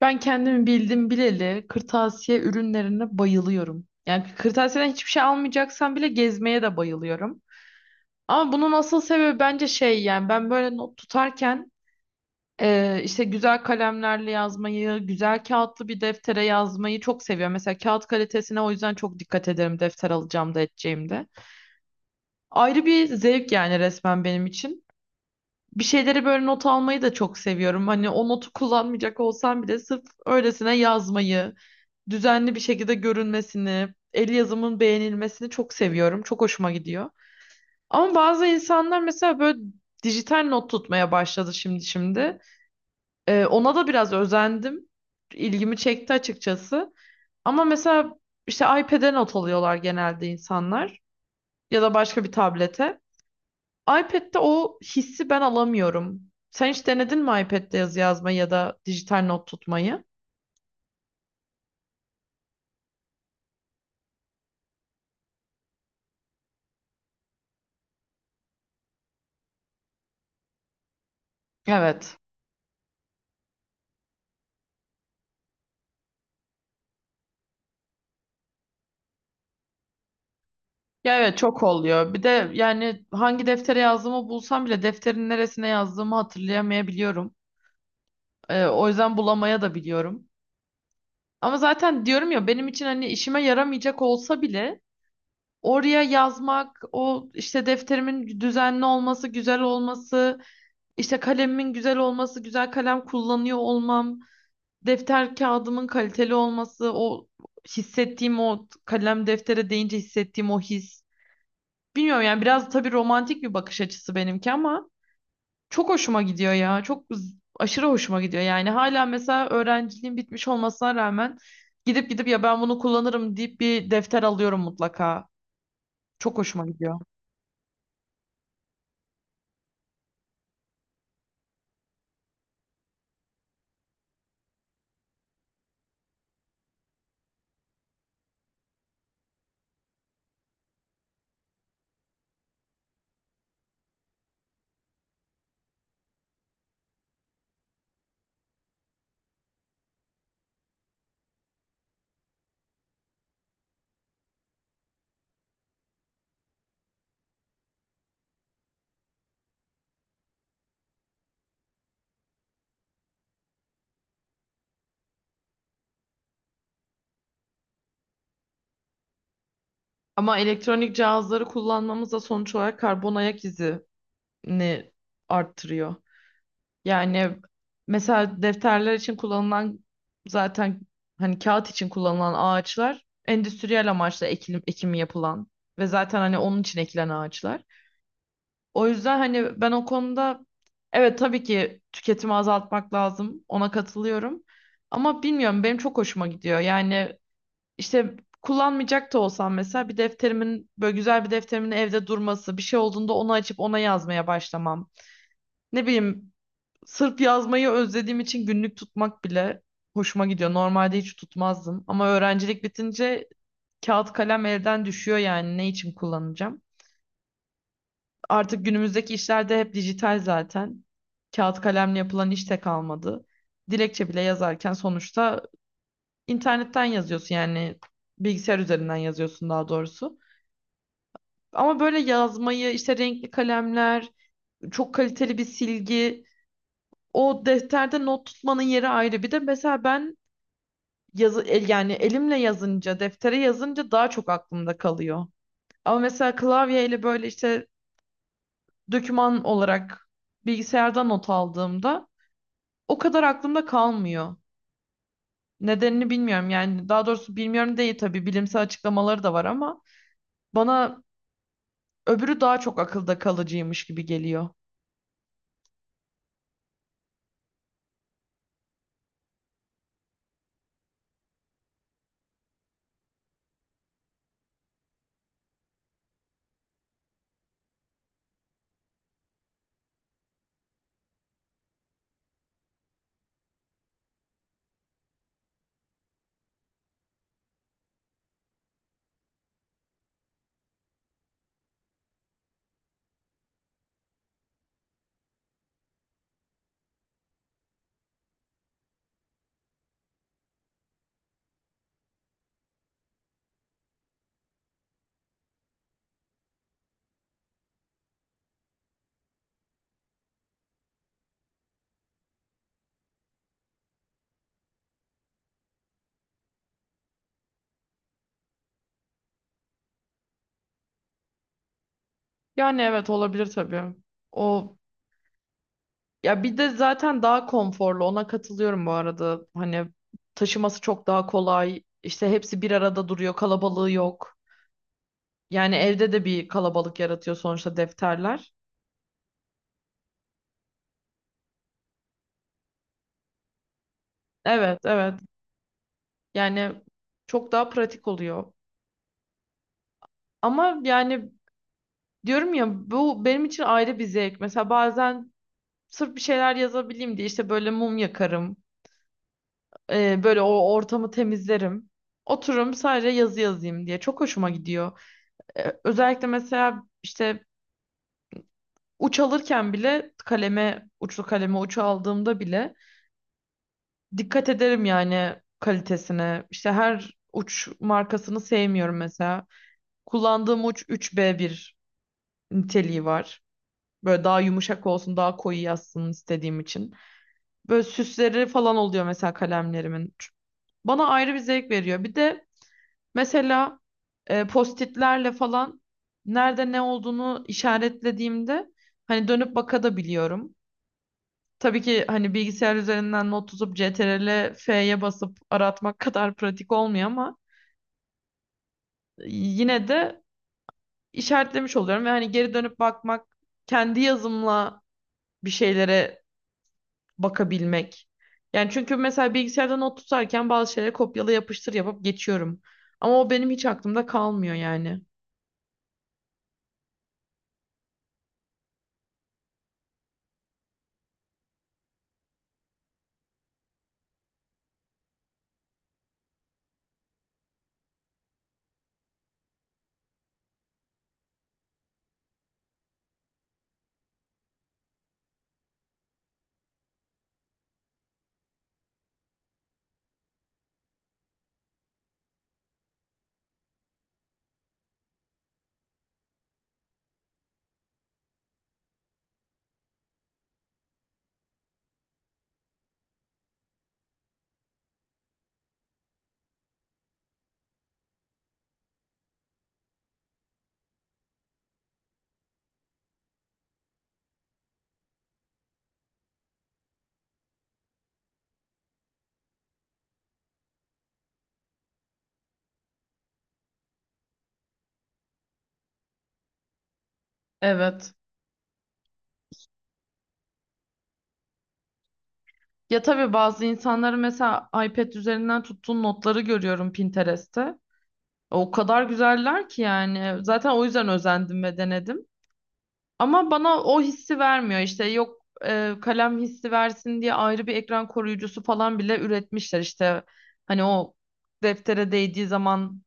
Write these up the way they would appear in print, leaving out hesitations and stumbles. Ben kendimi bildim bileli kırtasiye ürünlerine bayılıyorum. Yani kırtasiyeden hiçbir şey almayacaksam bile gezmeye de bayılıyorum. Ama bunun asıl sebebi bence şey, yani ben böyle not tutarken işte güzel kalemlerle yazmayı, güzel kağıtlı bir deftere yazmayı çok seviyorum. Mesela kağıt kalitesine o yüzden çok dikkat ederim defter alacağımda da. Ayrı bir zevk yani resmen benim için. Bir şeyleri böyle not almayı da çok seviyorum. Hani o notu kullanmayacak olsam bile sırf öylesine yazmayı, düzenli bir şekilde görünmesini, el yazımın beğenilmesini çok seviyorum. Çok hoşuma gidiyor. Ama bazı insanlar mesela böyle dijital not tutmaya başladı şimdi şimdi. Ona da biraz özendim. İlgimi çekti açıkçası. Ama mesela işte iPad'e not alıyorlar genelde insanlar, ya da başka bir tablete. iPad'de o hissi ben alamıyorum. Sen hiç denedin mi iPad'de yazı yazmayı ya da dijital not tutmayı? Evet. Ya evet, çok oluyor. Bir de yani hangi deftere yazdığımı bulsam bile defterin neresine yazdığımı hatırlayamayabiliyorum. O yüzden bulamaya da biliyorum. Ama zaten diyorum ya, benim için hani işime yaramayacak olsa bile oraya yazmak, o işte defterimin düzenli olması, güzel olması, işte kalemimin güzel olması, güzel kalem kullanıyor olmam, defter kağıdımın kaliteli olması, o hissettiğim, o kalem deftere değince hissettiğim o his. Bilmiyorum yani, biraz tabii romantik bir bakış açısı benimki, ama çok hoşuma gidiyor ya. Çok aşırı hoşuma gidiyor. Yani hala mesela öğrenciliğim bitmiş olmasına rağmen gidip gidip ya ben bunu kullanırım deyip bir defter alıyorum mutlaka. Çok hoşuma gidiyor. Ama elektronik cihazları kullanmamız da sonuç olarak karbon ayak izini arttırıyor. Yani mesela defterler için kullanılan, zaten hani kağıt için kullanılan ağaçlar endüstriyel amaçla ekimi yapılan ve zaten hani onun için ekilen ağaçlar. O yüzden hani ben o konuda, evet tabii ki tüketimi azaltmak lazım. Ona katılıyorum. Ama bilmiyorum, benim çok hoşuma gidiyor. Yani işte kullanmayacak da olsam mesela bir defterimin, böyle güzel bir defterimin evde durması, bir şey olduğunda onu açıp ona yazmaya başlamam. Ne bileyim. Sırf yazmayı özlediğim için günlük tutmak bile hoşuma gidiyor. Normalde hiç tutmazdım, ama öğrencilik bitince kağıt kalem elden düşüyor, yani ne için kullanacağım? Artık günümüzdeki işlerde hep dijital zaten. Kağıt kalemle yapılan iş de kalmadı. Dilekçe bile yazarken sonuçta internetten yazıyorsun, yani bilgisayar üzerinden yazıyorsun daha doğrusu. Ama böyle yazmayı, işte renkli kalemler, çok kaliteli bir silgi, o defterde not tutmanın yeri ayrı. Bir de mesela ben yani elimle yazınca, deftere yazınca daha çok aklımda kalıyor. Ama mesela klavyeyle böyle işte doküman olarak bilgisayarda not aldığımda o kadar aklımda kalmıyor. Nedenini bilmiyorum, yani daha doğrusu bilmiyorum değil, tabii bilimsel açıklamaları da var, ama bana öbürü daha çok akılda kalıcıymış gibi geliyor. Yani evet, olabilir tabii. O Ya bir de zaten daha konforlu, ona katılıyorum bu arada. Hani taşıması çok daha kolay. İşte hepsi bir arada duruyor, kalabalığı yok. Yani evde de bir kalabalık yaratıyor sonuçta defterler. Evet, evet. Yani çok daha pratik oluyor. Ama yani, diyorum ya, bu benim için ayrı bir zevk. Mesela bazen sırf bir şeyler yazabileyim diye işte böyle mum yakarım. Böyle o ortamı temizlerim. Otururum sadece yazı yazayım diye. Çok hoşuma gidiyor. Özellikle mesela işte uç alırken bile kaleme, uçlu kaleme uç aldığımda bile dikkat ederim yani kalitesine. İşte her uç markasını sevmiyorum mesela. Kullandığım uç 3 b bir niteliği var. Böyle daha yumuşak olsun, daha koyu yazsın istediğim için. Böyle süsleri falan oluyor mesela kalemlerimin. Bana ayrı bir zevk veriyor. Bir de mesela postitlerle falan nerede ne olduğunu işaretlediğimde hani dönüp bakabiliyorum. Tabii ki hani bilgisayar üzerinden not tutup CTRL F'ye basıp aratmak kadar pratik olmuyor ama yine de işaretlemiş oluyorum ve hani geri dönüp bakmak, kendi yazımla bir şeylere bakabilmek. Yani çünkü mesela bilgisayarda not tutarken bazı şeyleri kopyala yapıştır yapıp geçiyorum. Ama o benim hiç aklımda kalmıyor yani. Evet. Ya tabii, bazı insanları mesela iPad üzerinden tuttuğun notları görüyorum Pinterest'te. O kadar güzeller ki yani. Zaten o yüzden özendim ve denedim. Ama bana o hissi vermiyor. İşte yok, kalem hissi versin diye ayrı bir ekran koruyucusu falan bile üretmişler. İşte hani o deftere değdiği zaman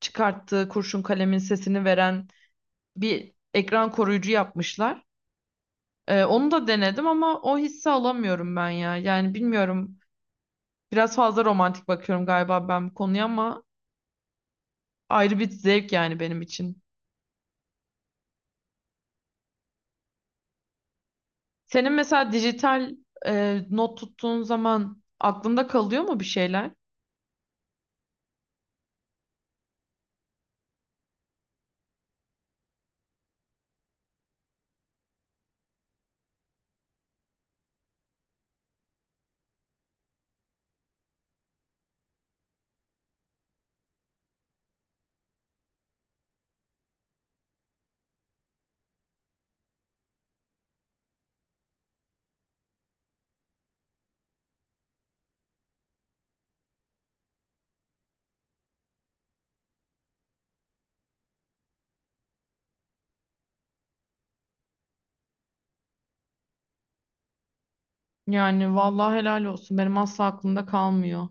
çıkarttığı kurşun kalemin sesini veren bir ekran koruyucu yapmışlar. Onu da denedim, ama o hissi alamıyorum ben ya. Yani bilmiyorum. Biraz fazla romantik bakıyorum galiba ben bu konuya, ama ayrı bir zevk yani benim için. Senin mesela dijital not tuttuğun zaman aklında kalıyor mu bir şeyler? Yani vallahi helal olsun, benim asla aklımda kalmıyor.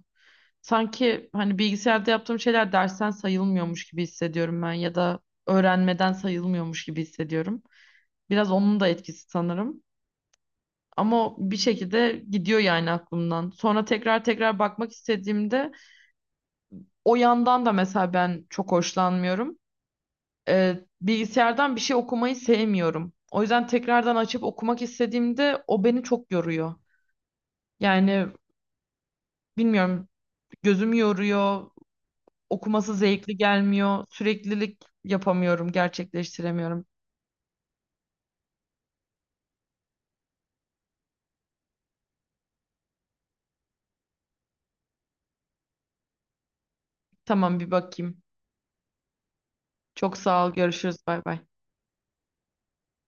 Sanki hani bilgisayarda yaptığım şeyler dersten sayılmıyormuş gibi hissediyorum ben, ya da öğrenmeden sayılmıyormuş gibi hissediyorum. Biraz onun da etkisi sanırım. Ama o bir şekilde gidiyor yani aklımdan. Sonra tekrar tekrar bakmak istediğimde. O yandan da mesela ben çok hoşlanmıyorum. Bilgisayardan bir şey okumayı sevmiyorum. O yüzden tekrardan açıp okumak istediğimde o beni çok yoruyor. Yani bilmiyorum, gözüm yoruyor, okuması zevkli gelmiyor, süreklilik yapamıyorum, gerçekleştiremiyorum. Tamam, bir bakayım. Çok sağ ol, görüşürüz, bay bay.